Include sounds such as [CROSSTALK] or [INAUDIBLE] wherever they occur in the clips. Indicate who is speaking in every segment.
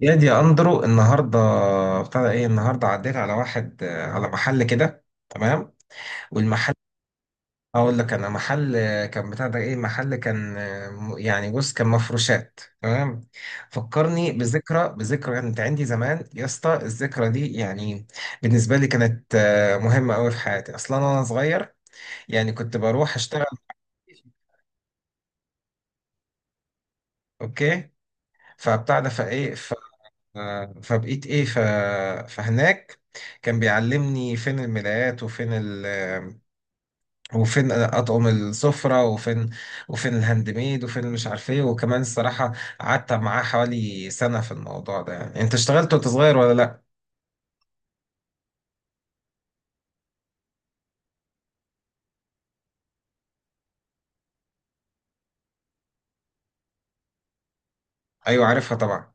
Speaker 1: يا دي يا اندرو النهارده. ابتدى ايه النهارده؟ عديت على واحد على محل كده. تمام. والمحل، اقول لك، انا محل كان بتاع ده ايه، محل كان يعني بص كان مفروشات. تمام. فكرني بذكرى بذكرى، يعني كانت عندي زمان يا اسطى الذكرى دي، يعني بالنسبه لي كانت مهمه قوي في حياتي. اصلا انا صغير يعني كنت بروح اشتغل. اوكي. فبتاع ده فايه، ف- فبقيت ايه، فهناك كان بيعلمني فين الملايات، وفين وفين اطعم السفره، وفين الهاند ميد، وفين مش عارف ايه، وكمان الصراحه قعدت معاه حوالي سنه في الموضوع ده. يعني انت اشتغلت وانت صغير ولا لا؟ ايوه عارفها طبعا.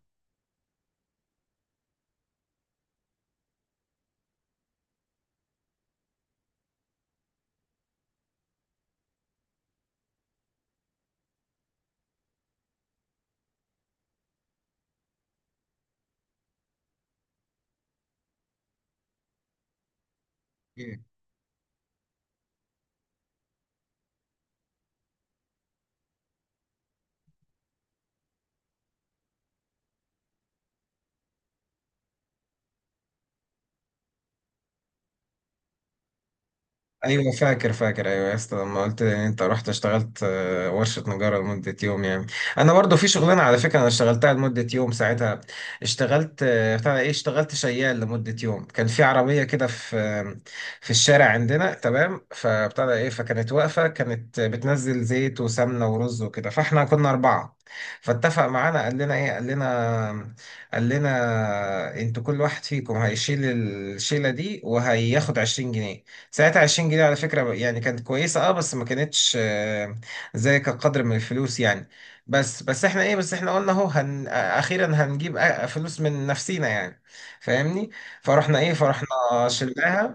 Speaker 1: ايوه فاكر فاكر، ايوه يا اسطى لما قلت لي ان انت رحت اشتغلت ورشه نجاره لمده يوم. يعني انا برضو في شغلانه على فكره انا اشتغلتها لمده يوم ساعتها. اشتغلت بتاع ايه، اشتغلت شيال لمده يوم. كان في عربيه كده في في الشارع عندنا. تمام. فبتاع ده ايه، فكانت واقفه، كانت بتنزل زيت وسمنه ورز وكده، فاحنا كنا اربعه. فاتفق معانا قال لنا ايه، قال لنا قال لنا انتوا كل واحد فيكم هيشيل الشيله دي وهياخد 20 جنيه. ساعتها 20 جنيه على فكرة يعني كانت كويسة، اه، بس ما كانتش زي كقدر من الفلوس يعني. بس احنا ايه، بس احنا قلنا اهو هن آه، اخيرا هنجيب فلوس من نفسينا يعني، فاهمني؟ فرحنا ايه، فرحنا شلناها.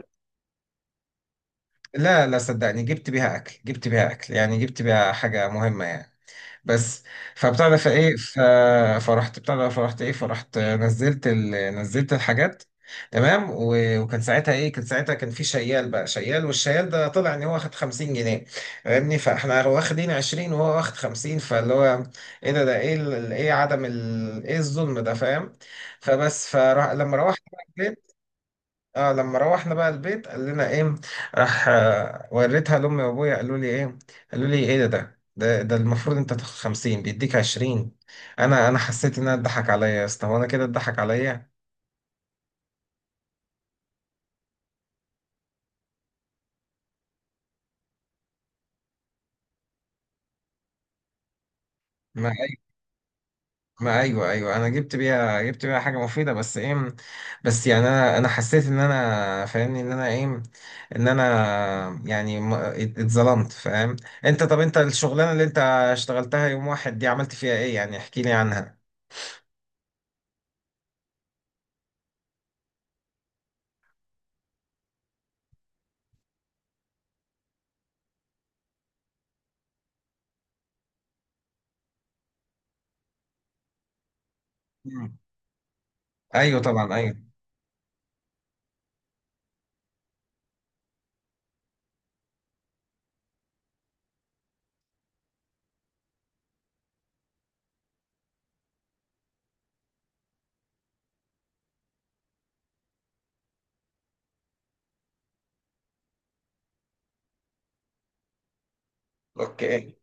Speaker 1: لا لا صدقني، جبت بيها اكل، جبت بيها اكل، يعني جبت بيها حاجة مهمة يعني. بس فبتاع ده فايه، فرحت بتاع ده، فرحت ايه، فرحت نزلت نزلت الحاجات. تمام وكان ساعتها ايه، كان ساعتها كان في شيال بقى، شيال، والشيال ده طلع ان هو واخد 50 جنيه. فاهمني؟ فاحنا واخدين 20 وهو واخد 50، فاللي هو ايه، ده ايه ايه عدم ايه الظلم ده، فاهم؟ فبس فلما روحت، اه لما روحنا بقى البيت، قال لنا ايه، راح وريتها لامي وابويا قالوا لي ايه ده المفروض انت تاخد 50 بيديك 20. انا حسيت انها اتضحك عليا يا اسطى، هو انا كده اتضحك عليا؟ ما أي- ما ايوه، ايوه انا جبت بيها حاجه مفيده، بس ايه، بس يعني انا حسيت ان انا فاهمني ان انا ايه، ان انا يعني اتظلمت، فاهم؟ انت، طب انت الشغلانه اللي انت اشتغلتها يوم واحد دي، عملت فيها ايه يعني؟ احكي لي عنها. ايوه طبعا. ايوه. اوكي.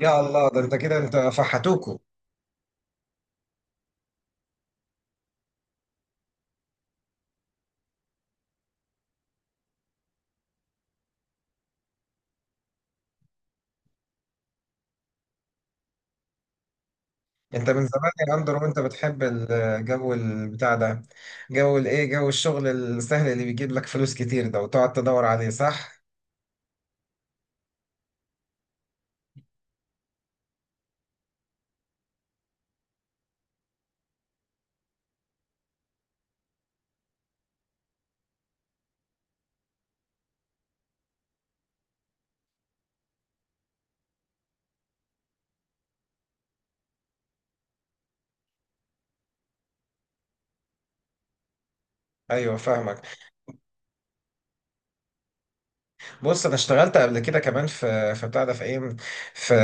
Speaker 1: يا الله، ده انت كده انت فحتوكوا؟ انت من زمان يا اندر وانت بتحب الجو البتاع ده، جو الايه، جو الشغل السهل اللي بيجيب لك فلوس كتير ده وتقعد تدور عليه، صح؟ ايوه فاهمك. بص انا اشتغلت قبل كده كمان في بتاع ده، في ايه، في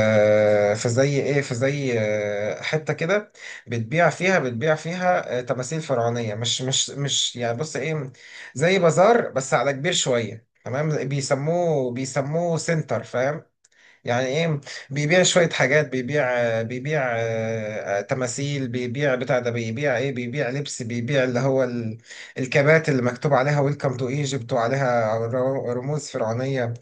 Speaker 1: زي ايه، في زي حته كده بتبيع فيها، تماثيل فرعونيه، مش يعني، بص ايه، زي بازار بس على كبير شويه. تمام. بيسموه سنتر، فاهم يعني ايه، بيبيع شويه حاجات، بيبيع بيبيع تماثيل، بيبيع بتاع ده، بيبيع ايه، بيبيع لبس، بيبيع اللي هو الكبات اللي مكتوب عليها ويلكم تو ايجيبت، وعليها رموز فرعونيه.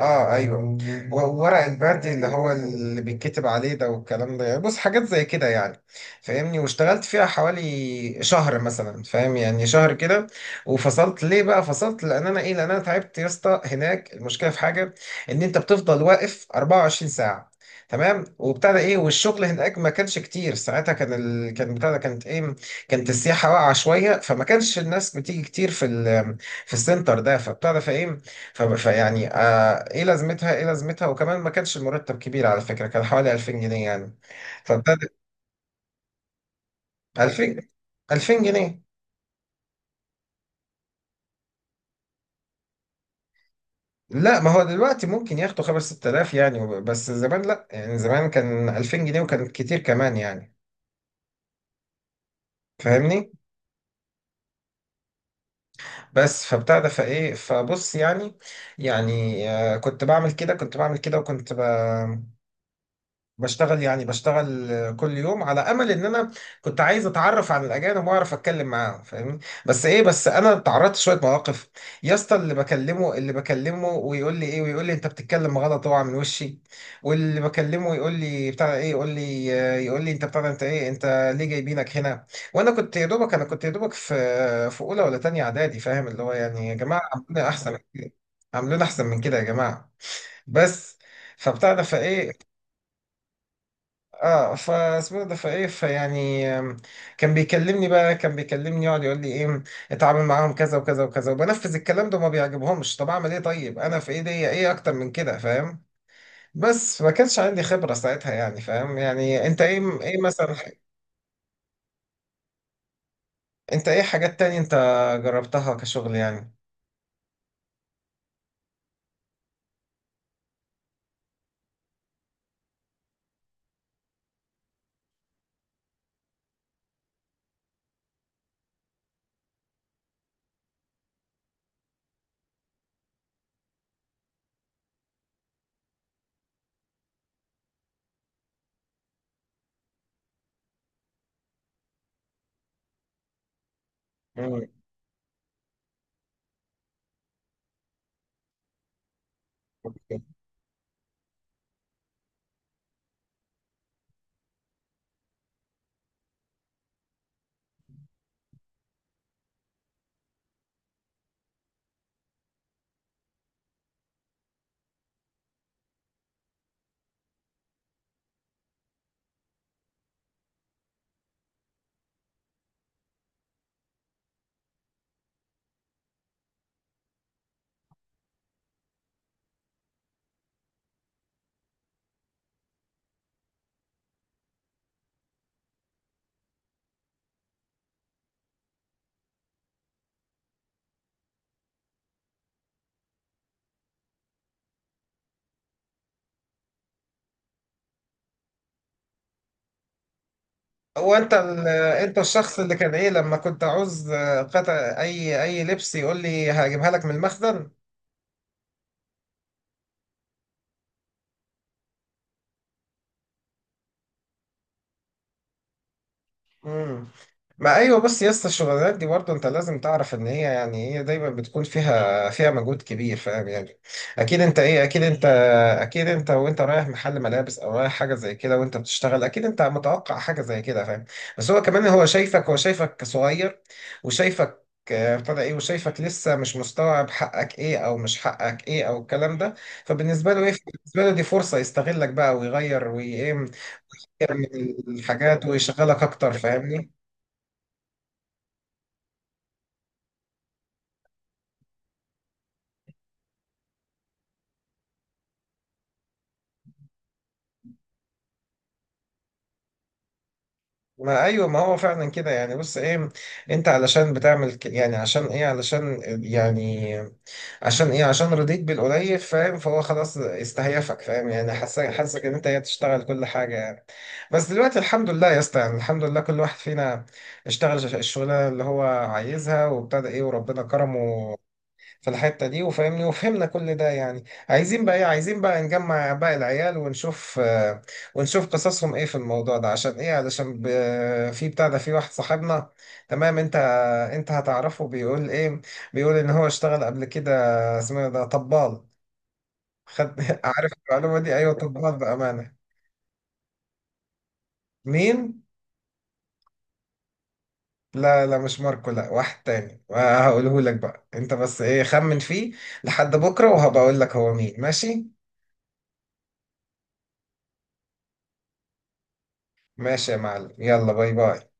Speaker 1: اه ايوه، وورق البرد اللي هو اللي بيتكتب عليه ده، والكلام ده يعني، بص حاجات زي كده يعني، فاهمني؟ واشتغلت فيها حوالي شهر مثلا، فاهم يعني، شهر كده. وفصلت ليه بقى، فصلت لان انا ايه، لان انا تعبت يا اسطى هناك. المشكله في حاجه ان انت بتفضل واقف 24 ساعه. تمام. وبتاع ده ايه، والشغل هناك ما كانش كتير ساعتها، كان كان بتاع ده، كانت ايه، كانت السياحه واقعه شويه، فما كانش الناس بتيجي كتير في في السنتر ده. فبتاع ده فايه، فيعني آه ايه لازمتها، ايه لازمتها، وكمان ما كانش المرتب كبير على فكرة، كان حوالي 2000 جنيه يعني. فابتدى، 2000 2000 جنيه. لا ما هو دلوقتي ممكن ياخدوا 5 6000 يعني، بس زمان لا، يعني زمان كان 2000 جنيه وكان كتير كمان يعني، فاهمني؟ بس فابتدى فايه، فبص يعني، آه، كنت بعمل كده، وكنت بشتغل يعني، بشتغل كل يوم على امل ان انا كنت عايز اتعرف عن الاجانب واعرف اتكلم معاهم، فاهمني؟ بس ايه، بس انا اتعرضت شويه مواقف يا اسطى، اللي بكلمه ويقول لي ايه، ويقول لي انت بتتكلم غلط اوعى من وشي. واللي بكلمه يقول لي بتاع ايه، يقول لي انت بتاع ده، انت ايه، انت ليه جايبينك هنا؟ وانا كنت يا دوبك، في اولى ولا تانية اعدادي، فاهم اللي هو يعني يا جماعه، عاملين احسن من كده، عاملين احسن من كده يا جماعه، بس. فبتاع ده فايه، اه، فاسمه ده فايه، فيعني كان بيكلمني بقى، كان بيكلمني يقعد يقول لي ايه، اتعامل معاهم كذا وكذا وكذا، وبنفذ الكلام ده وما بيعجبهمش، طب اعمل ايه، طيب انا في ايدي ايه اكتر من كده، فاهم؟ بس ما كانش عندي خبرة ساعتها يعني، فاهم يعني انت ايه، ايه مثلا، انت ايه حاجات تانية انت جربتها كشغل يعني؟ مم. هو انت انت الشخص اللي كان ايه لما كنت عاوز قطع اي لبس يقول لي هجيبها لك من المخزن؟ مم. ما ايوه، بس يا اسطى الشغلانات دي برضه انت لازم تعرف ان هي، يعني هي دايما بتكون فيها، مجهود كبير، فاهم يعني؟ اكيد انت ايه، اكيد انت، اكيد انت وانت رايح محل ملابس او رايح حاجه زي كده وانت بتشتغل، اكيد انت متوقع حاجه زي كده، فاهم؟ بس هو كمان، هو شايفك، صغير، وشايفك ابتدى ايه، وشايفك لسه مش مستوعب حقك ايه، او مش حقك ايه، او الكلام ده. فبالنسبه له ايه، بالنسبه له دي فرصه يستغلك بقى، ويغير وايه، يعمل الحاجات ويشغلك اكتر، فاهمني؟ ما ايوه، ما هو فعلا كده يعني، بص ايه، انت علشان بتعمل يعني عشان ايه، علشان يعني عشان ايه، عشان رضيت بالقليل، فاهم؟ فهو خلاص استهيفك، فاهم يعني، حاسك، ان انت هي تشتغل كل حاجه يعني. بس دلوقتي الحمد لله يا اسطى، يعني الحمد لله كل واحد فينا اشتغل الشغلانه اللي هو عايزها، وابتدى ايه وربنا كرمه في الحتة دي، وفاهمني وفهمنا كل ده يعني، عايزين بقى ايه، عايزين بقى نجمع باقي العيال ونشوف ونشوف قصصهم ايه في الموضوع ده. عشان ايه، علشان في بتاع ده، في واحد صاحبنا. تمام. انت هتعرفه، بيقول ايه، بيقول ان هو اشتغل قبل كده. اسمه إيه ده، طبال. خد [LAUGHS] عارف المعلومة دي؟ ايوه طبال بأمانة. مين؟ لا لا، مش ماركو، لا واحد تاني هقوله لك بقى، انت بس ايه خمن فيه لحد بكرة وهبقول لك هو مين. ماشي. ماشي يا معلم، يلا باي باي.